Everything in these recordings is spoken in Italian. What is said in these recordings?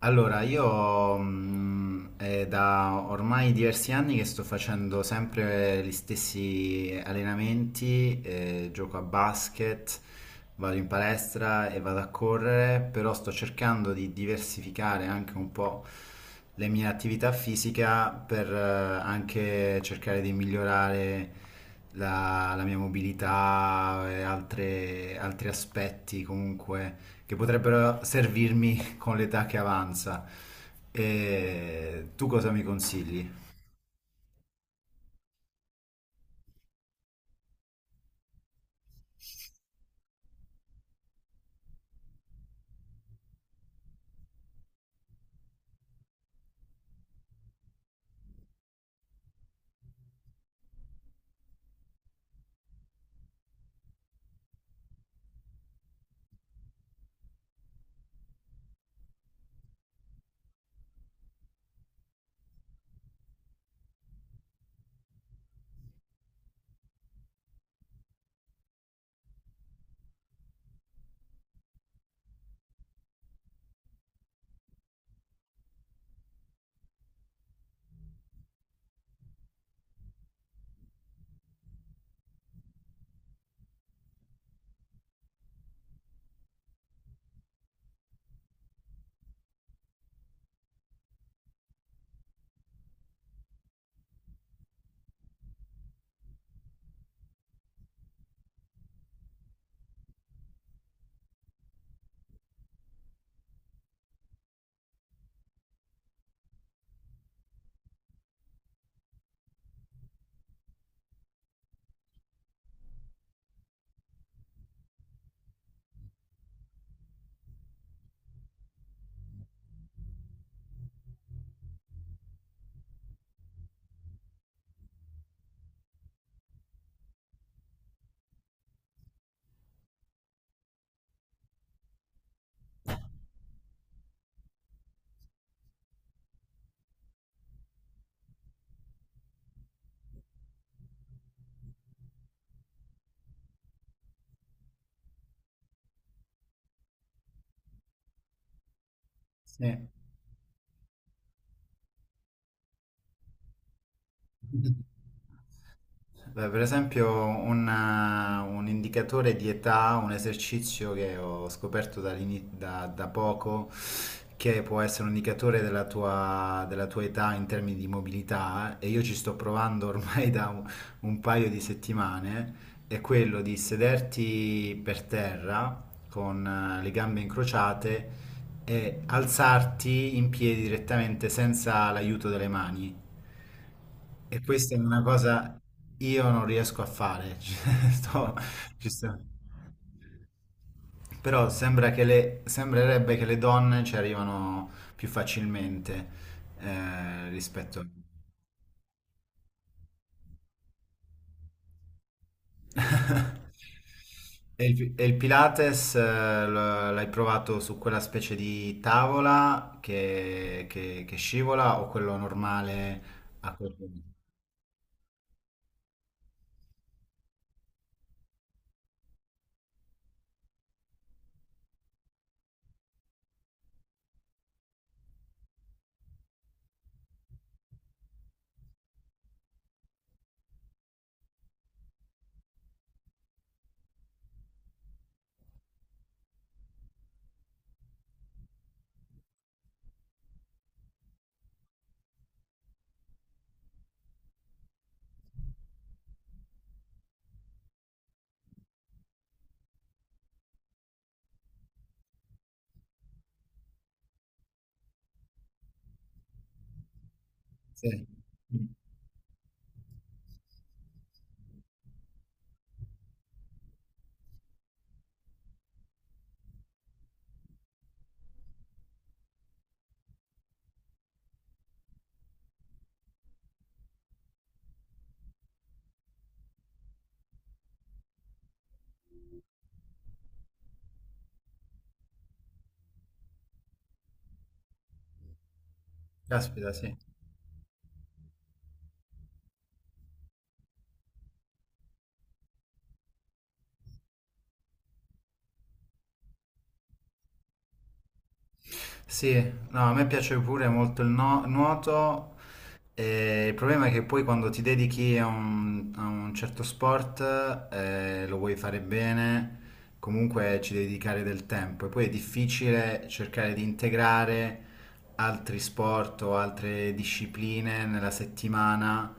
Allora, io è da ormai diversi anni che sto facendo sempre gli stessi allenamenti, gioco a basket, vado in palestra e vado a correre, però sto cercando di diversificare anche un po' le mie attività fisica per anche cercare di migliorare la mia mobilità e altri aspetti comunque che potrebbero servirmi con l'età che avanza. E tu cosa mi consigli? Sì. Beh, per esempio un indicatore di età, un esercizio che ho scoperto da poco, che può essere un indicatore della tua età in termini di mobilità, e io ci sto provando ormai da un paio di settimane, è quello di sederti per terra con le gambe incrociate e alzarti in piedi direttamente senza l'aiuto delle mani. E questa è una cosa io non riesco a fare. Cioè, ci sto- però sembra che le, sembrerebbe che le donne ci arrivano più facilmente rispetto a... E il Pilates l'hai provato su quella specie di tavola che scivola o quello normale a corpo libero? Sì. Mm. Caspita, sì. Sì, no, a me piace pure molto il nuoto. Il problema è che poi quando ti dedichi a un certo sport, lo vuoi fare bene, comunque ci devi dedicare del tempo e poi è difficile cercare di integrare altri sport o altre discipline nella settimana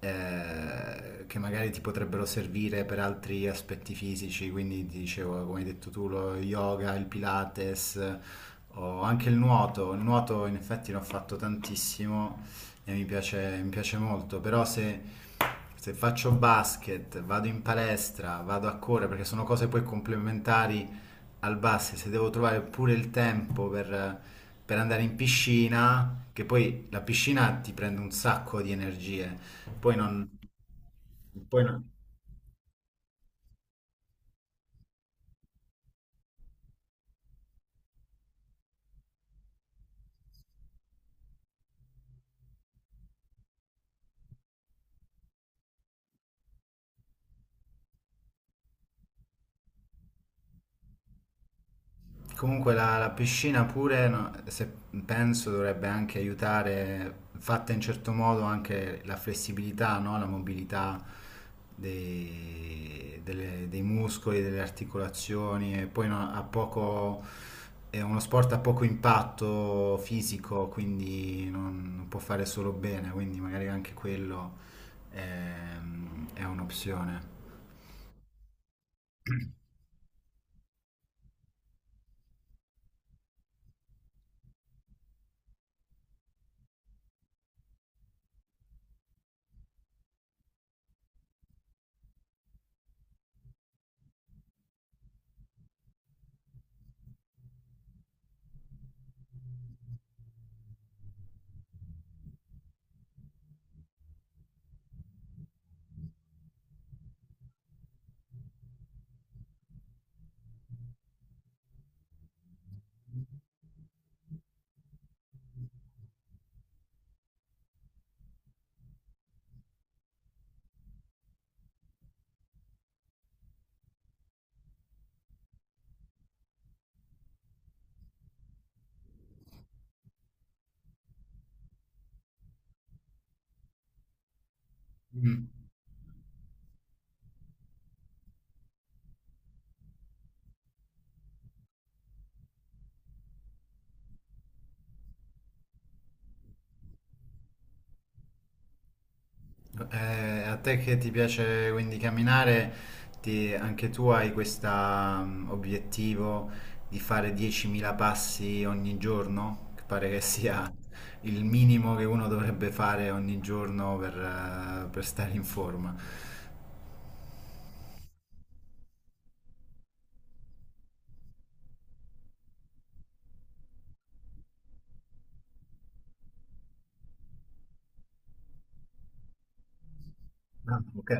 che magari ti potrebbero servire per altri aspetti fisici, quindi ti dicevo, come hai detto tu, lo yoga, il pilates o anche il nuoto. Il nuoto in effetti l'ho fatto tantissimo e mi piace molto, però se faccio basket, vado in palestra, vado a correre, perché sono cose poi complementari al basket, se devo trovare pure il tempo per andare in piscina, che poi la piscina ti prende un sacco di energie, poi non... Poi no- Comunque la piscina pure, no, se penso, dovrebbe anche aiutare, fatta in certo modo, anche la flessibilità, no? La mobilità dei muscoli, delle articolazioni e poi no- ha poco, è uno sport a poco impatto fisico, quindi non, non può fare solo bene, quindi magari anche quello è, è un'opzione. A te che ti piace quindi camminare, anche tu hai questo obiettivo di fare 10.000 passi ogni giorno, che pare che sia il minimo che uno dovrebbe fare ogni giorno per stare in forma. Ah, ok.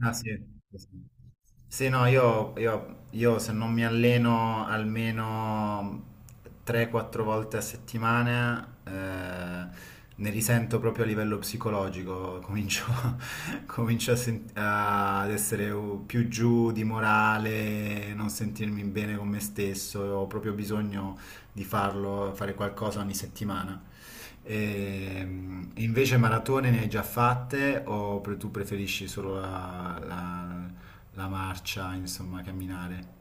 Ah, sì. Sì. Sì, no, io se non mi alleno almeno 3-4 volte a settimana, ne risento proprio a livello psicologico, comincio, comincio a ad essere più giù di morale, non sentirmi bene con me stesso, ho proprio bisogno di farlo, fare qualcosa ogni settimana. E, invece maratone ne hai già fatte o tu preferisci solo la marcia, insomma, camminare?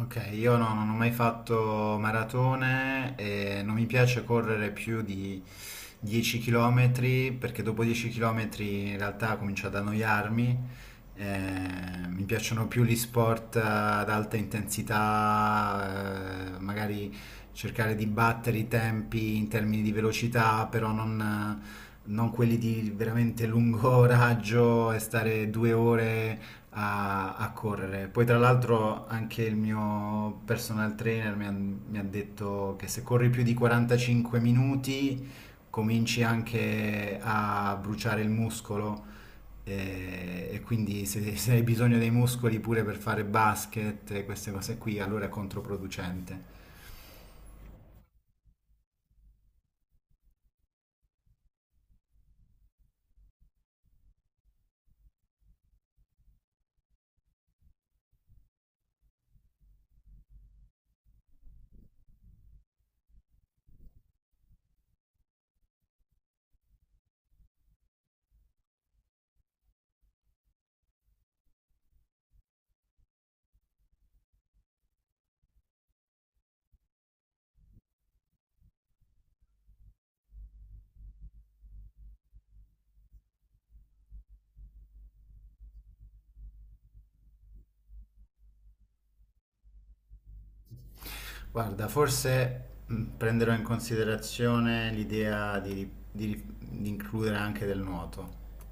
Ok, io non ho mai fatto maratone e non mi piace correre più di 10 km perché dopo 10 km in realtà comincio ad annoiarmi. Mi piacciono più gli sport ad alta intensità, magari cercare di battere i tempi in termini di velocità, però non quelli di veramente lungo raggio e stare 2 ore a, a correre. Poi tra l'altro anche il mio personal trainer mi ha detto che se corri più di 45 minuti cominci anche a bruciare il muscolo quindi se hai bisogno dei muscoli pure per fare basket e queste cose qui, allora è controproducente. Guarda, forse prenderò in considerazione l'idea di includere anche del nuoto.